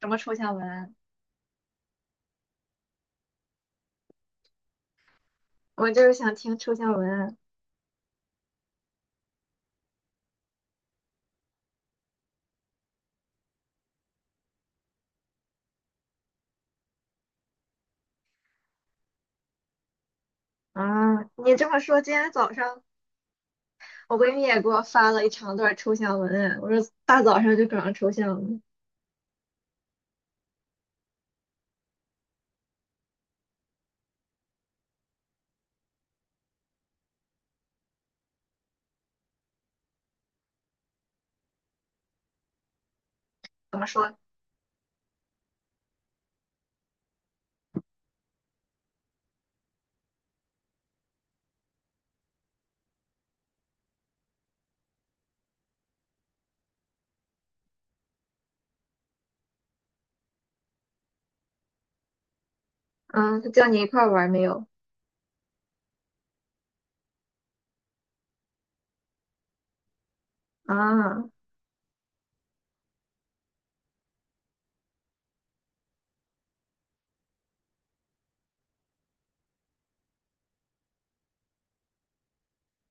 什么抽象文案？我就是想听抽象文案啊！你这么说，今天早上我闺蜜也给我发了一长段抽象文案。我说大早上就搞上抽象了，怎么说？嗯，他叫你一块儿玩没有？啊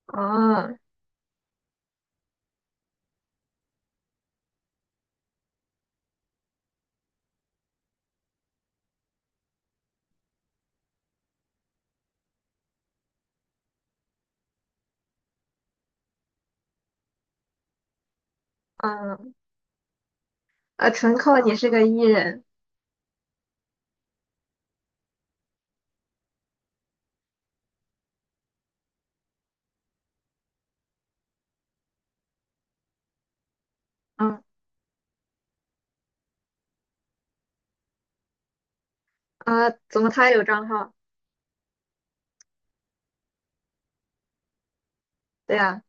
啊啊！啊！纯靠你是个艺人。嗯啊，怎么他也有账号？对呀、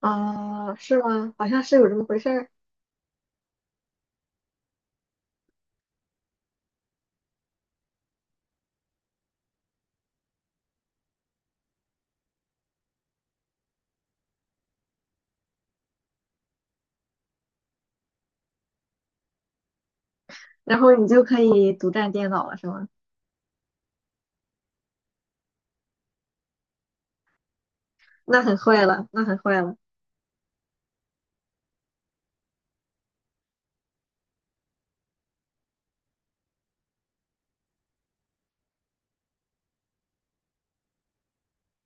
啊，啊是吗？好像是有这么回事儿。然后你就可以独占电脑了，是吗？那很坏了，那很坏了。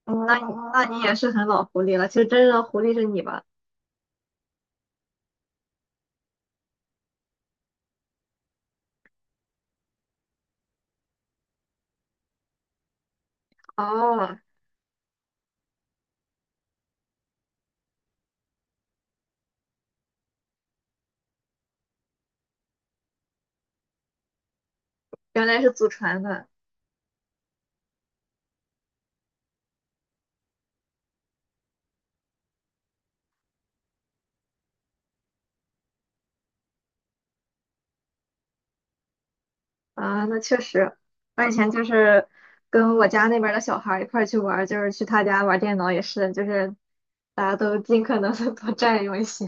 那你也是很老狐狸了。其实真正的狐狸是你吧？哦，原来是祖传的啊，那确实。我以前就是跟我家那边儿的小孩儿一块儿去玩儿就是去他家玩儿电脑也是，就是大家都尽可能的多占用一些。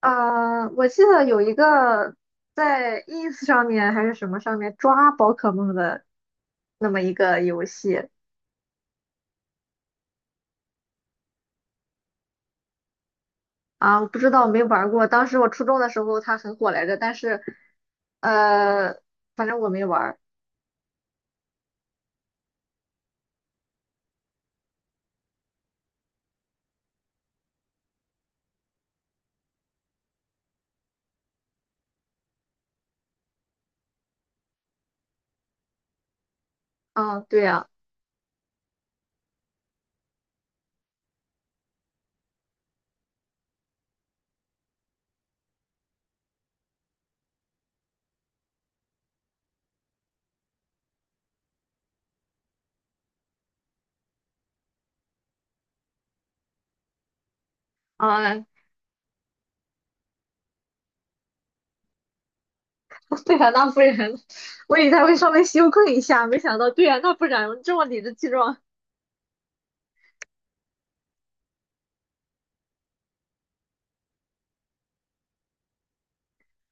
啊，我记得有一个在 ins 上面还是什么上面抓宝可梦的那么一个游戏，啊，我不知道，没玩儿过。当时我初中的时候它很火来着，但是，呃，反正我没玩儿。啊，对呀，啊，对呀，那不然，我以为他会稍微羞愧一下，没想到，对呀，那不然这么理直气壮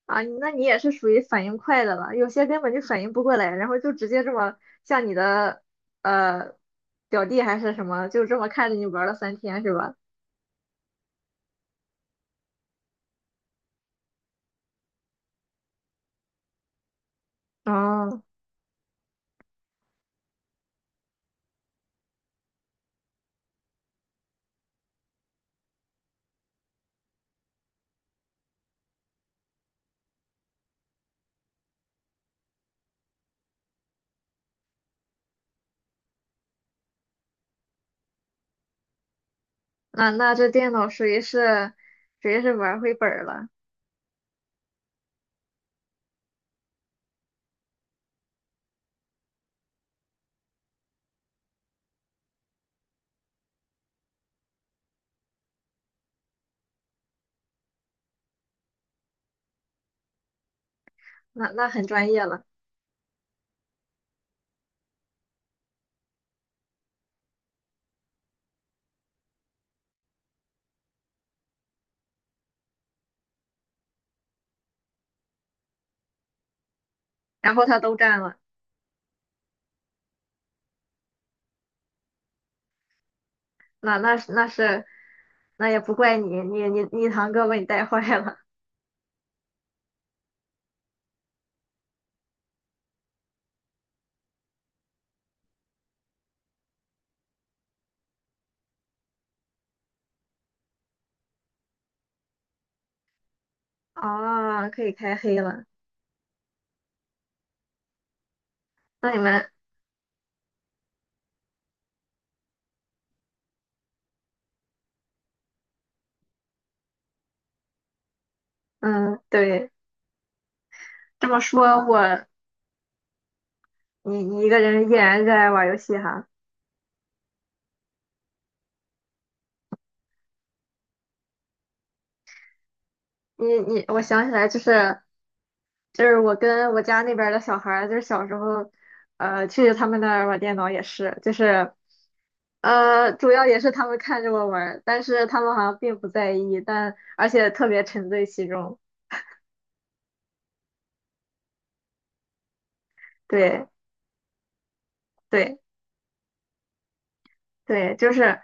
啊，那你也是属于反应快的了，有些根本就反应不过来，然后就直接这么像你的呃表弟还是什么，就这么看着你玩了3天是吧？哦，那这电脑属于是玩儿回本儿了，那很专业了。然后他都占了，那那也不怪你，你堂哥把你带坏了啊 可以开黑了。那你们，嗯，对，这么说我你一个人依然热爱玩游戏哈，我想起来就是我跟我家那边儿的小孩儿就是小时候，去他们那儿玩电脑也是，就是。主要也是他们看着我玩儿但是他们好像并不在意，但而且特别沉醉其中。对对，对，就是，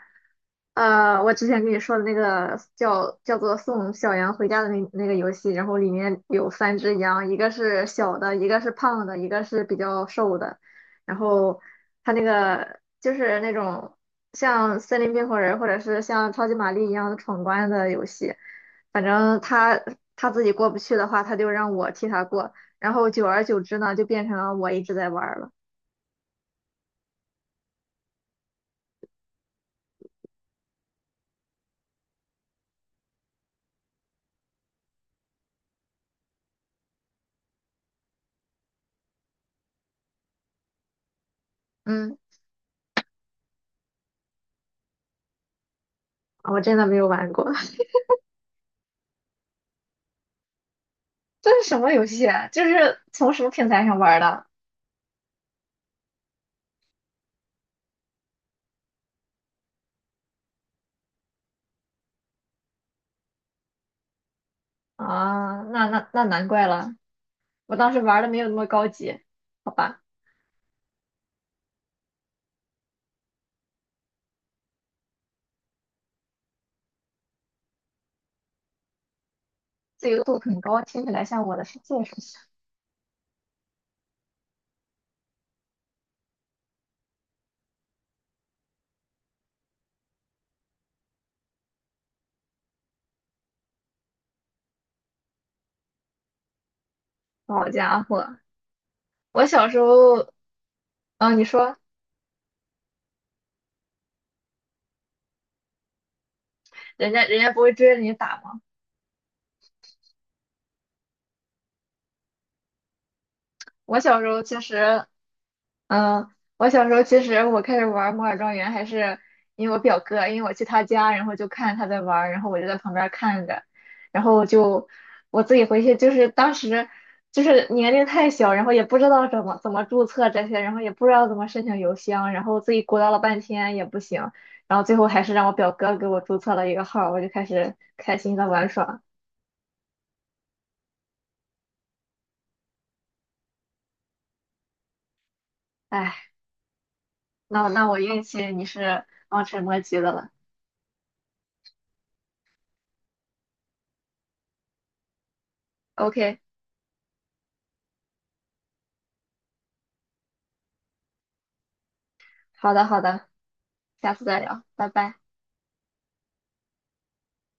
我之前跟你说的那个叫做《送小羊回家》的那个游戏，然后里面有三只羊，一个是小的，一个是胖的，一个是比较瘦的。然后它那个就是那种像森林冰火人或者是像超级玛丽一样的闯关的游戏，反正他自己过不去的话，他就让我替他过，然后久而久之呢，就变成了我一直在玩儿了。嗯，我真的没有玩过。这是什么游戏啊就是从什么平台上玩的啊？那难怪了，我当时玩的没有那么高级，好吧？自由度很高，听起来像我的世界似的。好家伙，我小时候，啊，你说人家不会追着你打吗？我小时候其实嗯，我小时候其实我开始玩《摩尔庄园》还是因为我表哥，因为我去他家，然后就看他在玩儿然后我就在旁边儿看着，然后就我自己回去，就是当时就是年龄太小，然后也不知道怎么注册这些，然后也不知道怎么申请邮箱，然后自己鼓捣了半天也不行，然后最后还是让我表哥给我注册了一个号儿我就开始开心的玩耍。哎，那我运气你是望尘莫及的了。OK，好的好的，下次再聊，拜拜。